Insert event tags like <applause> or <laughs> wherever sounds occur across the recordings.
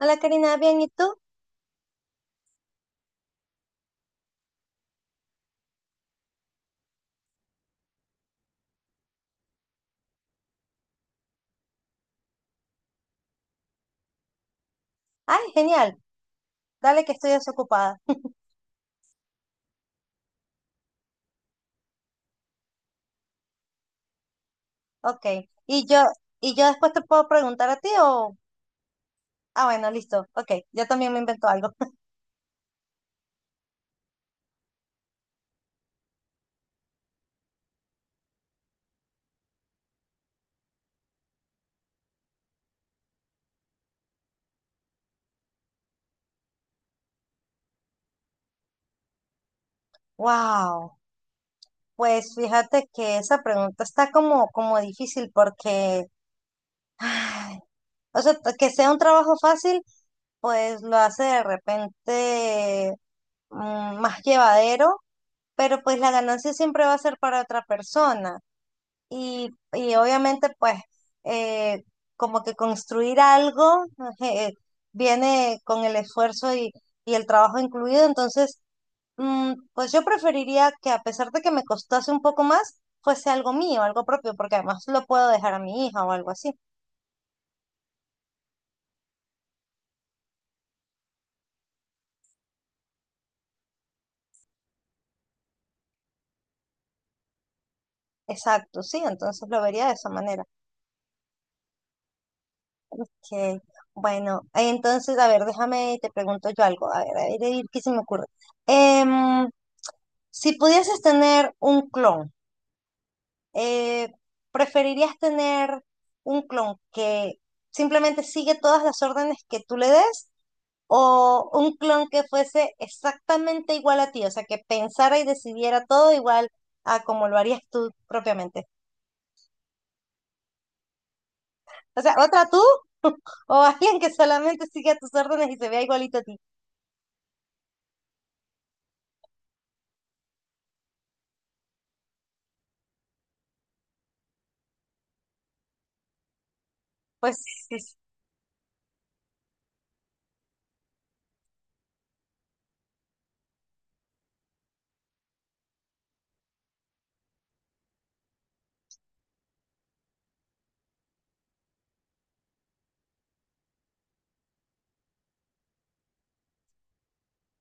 Hola Karina, bien, ¿y tú? Ay, genial, dale que estoy desocupada. Ok, y yo, y yo después te puedo preguntar a ti o... Ah, bueno, listo, ok, yo también me invento algo. <laughs> Wow, pues fíjate que esa pregunta está como difícil porque, ay, o sea, que sea un trabajo fácil, pues lo hace de repente más llevadero, pero pues la ganancia siempre va a ser para otra persona. Y obviamente, pues, eh, como que construir algo, eh, viene con el esfuerzo y el trabajo incluido. Entonces, pues yo preferiría que, a pesar de que me costase un poco más, fuese algo mío, algo propio, porque además lo puedo dejar a mi hija o algo así. Exacto, sí, entonces lo vería de esa manera. Que, bueno, entonces, a ver, déjame, te pregunto yo algo. A ver, a ver, a ver, ¿qué se me ocurre? Em, si pudieses tener un clon, eh, ¿preferirías tener un clon que simplemente sigue todas las órdenes que tú le des, o un clon que fuese exactamente igual a ti? O sea, que pensara y decidiera todo igual a como lo harías tú propiamente. O sea, ¿otra tú o alguien que solamente siga tus órdenes y se vea igualito a ti? Pues es-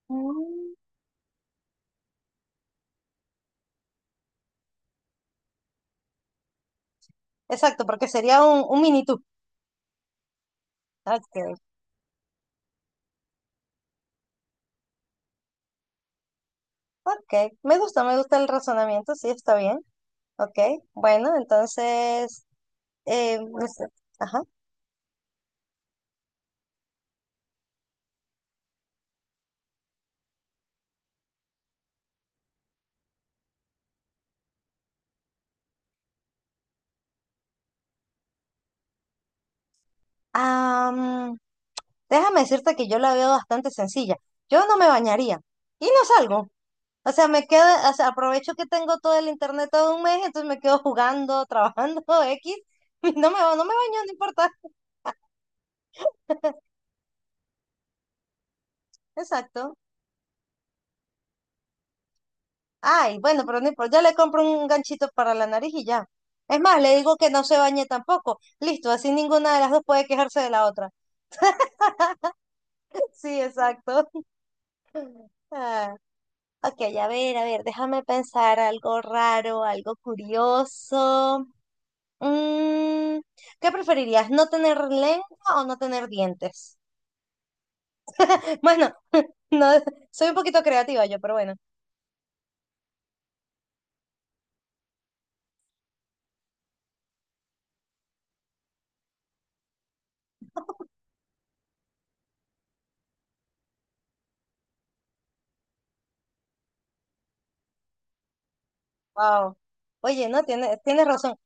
mm, exacto, porque sería un mini tú. Ok, ok. Me gusta el razonamiento, sí, está bien. Ok, bueno, entonces... no sé, ajá. Am, déjame decirte que yo la veo bastante sencilla. Yo no me bañaría y no salgo. O sea, me quedo, o sea, aprovecho que tengo todo el internet todo un mes, entonces me quedo jugando, trabajando, <laughs> X. Y no me, no me baño, no importa. Exacto. Ay, bueno, pero no importa. Ya le compro un ganchito para la nariz y ya. Es más, le digo que no se bañe tampoco. Listo, así ninguna de las dos puede quejarse de la otra. <laughs> Sí, exacto. <laughs> Ay. Ok, a ver, déjame pensar algo raro, algo curioso. Mm, ¿qué preferirías? ¿No tener lengua o no tener dientes? <laughs> Bueno, <laughs> no, soy un poquito creativa yo, pero bueno. Wow. Oye, no, tienes razón.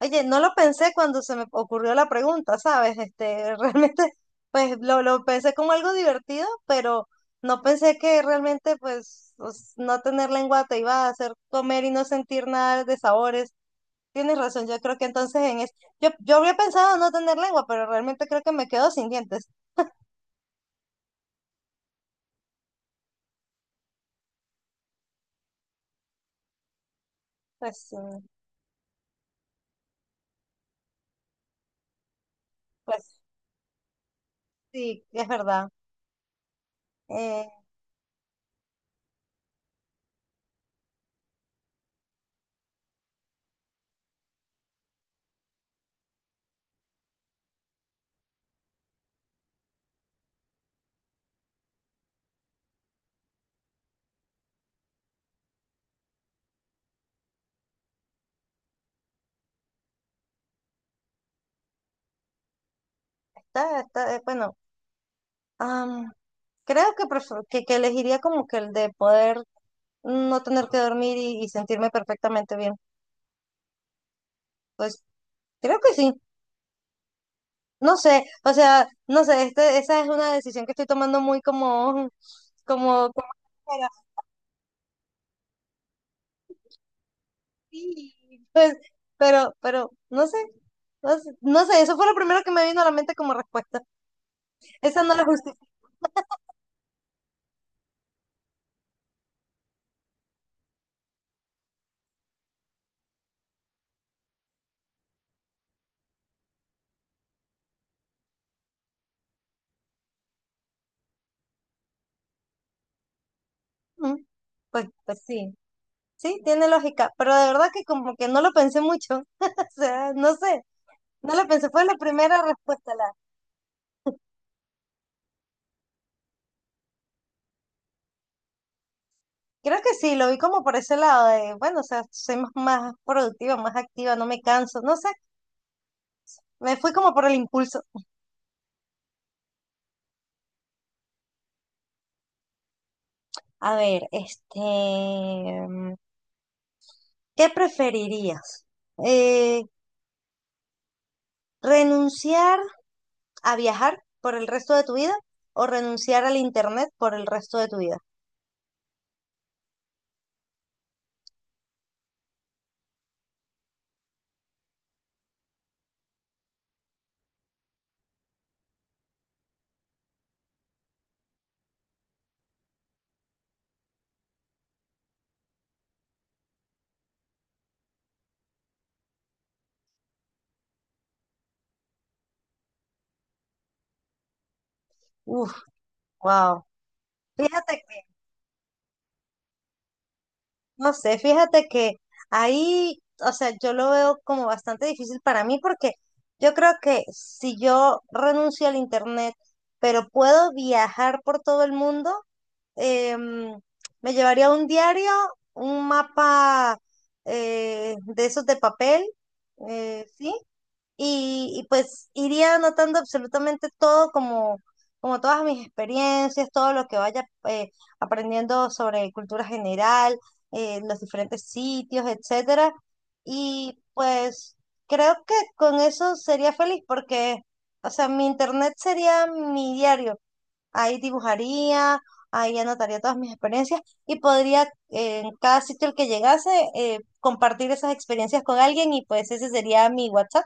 Oye, no lo pensé cuando se me ocurrió la pregunta, ¿sabes? Este, <laughs> realmente, pues lo pensé como algo divertido, pero no pensé que realmente, pues, no tener lengua te iba a hacer comer y no sentir nada de sabores. Tienes razón, yo creo que entonces en es... yo habría pensado no tener lengua, pero realmente creo que me quedo sin dientes. Pues, mm, pues sí, es verdad. Eh, está, bueno, am, creo que, que elegiría como que el de poder no tener que dormir y sentirme perfectamente bien. Pues creo que sí. No sé, o sea, no sé, este, esa es una decisión que estoy tomando muy como, como. Sí, pues, pero, no sé, no sé, eso fue lo primero que me vino a la mente como respuesta. Esa no la justifico. Mm, pues, pues sí, sí, tiene lógica, pero de verdad que como que no lo pensé mucho, <laughs> o sea, no sé, no lo pensé, fue la primera respuesta, la, creo que sí, lo vi como por ese lado de, bueno, o sea, soy más, más productiva, más activa, no me canso, no sé, me fui como por el impulso. A ver, este, mm, ¿qué preferirías? Eh, ¿renunciar a viajar por el resto de tu vida o renunciar al internet por el resto de tu vida? Uf, wow. Fíjate que, no sé, fíjate que ahí, o sea, yo lo veo como bastante difícil para mí porque yo creo que si yo renuncio al internet, pero puedo viajar por todo el mundo, em, me llevaría un diario, un mapa, de esos de papel, ¿sí? Y pues iría anotando absolutamente todo, como, como todas mis experiencias, todo lo que vaya aprendiendo sobre cultura general, los diferentes sitios, etcétera. Y pues creo que con eso sería feliz porque, o sea, mi internet sería mi diario. Ahí dibujaría, ahí anotaría todas mis experiencias y podría, en cada sitio al que llegase, compartir esas experiencias con alguien, y pues ese sería mi WhatsApp.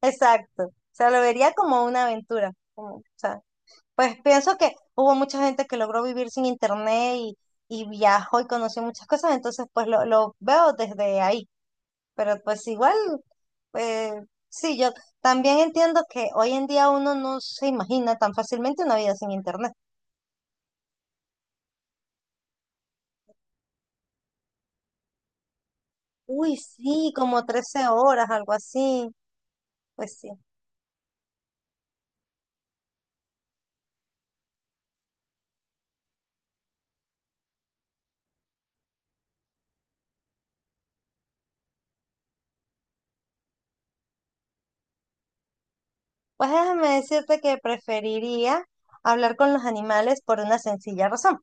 Exacto. O sea, lo vería como una aventura. Como, o sea, pues pienso que hubo mucha gente que logró vivir sin internet y viajó y conoció muchas cosas, entonces pues lo veo desde ahí. Pero pues igual, eh, sí, yo también entiendo que hoy en día uno no se imagina tan fácilmente una vida sin internet. Uy, sí, como 13 horas, algo así. Pues sí. Pues déjame decirte que preferiría hablar con los animales por una sencilla razón.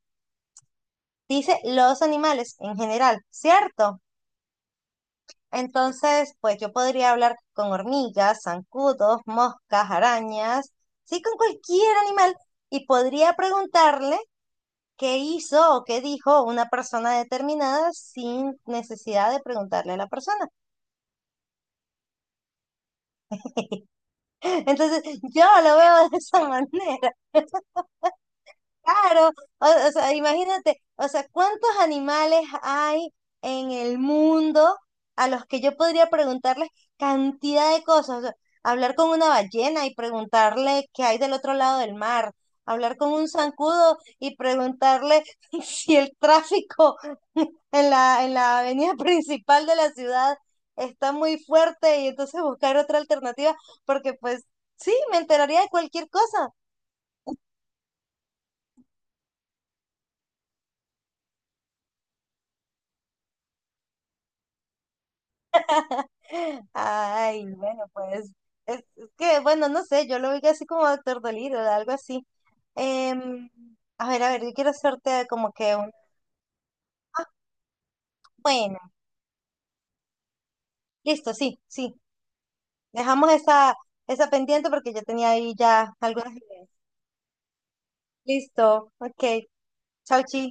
Dice los animales en general, ¿cierto? Entonces, pues yo podría hablar con hormigas, zancudos, moscas, arañas, sí, con cualquier animal, y podría preguntarle qué hizo o qué dijo una persona determinada sin necesidad de preguntarle a la persona. <laughs> Entonces, yo lo veo de esa manera. <laughs> Claro, o sea, imagínate, o sea, ¿cuántos animales hay en el mundo a los que yo podría preguntarles cantidad de cosas? O sea, hablar con una ballena y preguntarle qué hay del otro lado del mar, hablar con un zancudo y preguntarle <laughs> si el tráfico <laughs> en en la avenida principal de la ciudad está muy fuerte, y entonces buscar otra alternativa, porque pues sí, me enteraría de cualquier cosa. Ay, bueno, pues es que, bueno, no sé, yo lo vi así como Doctor Dolittle, algo así. Em, a ver, yo quiero hacerte como que un... Ah, bueno, listo, sí, sí. Dejamos esa, esa pendiente porque yo tenía ahí ya algunas ideas. Listo, ok. Chau, chi.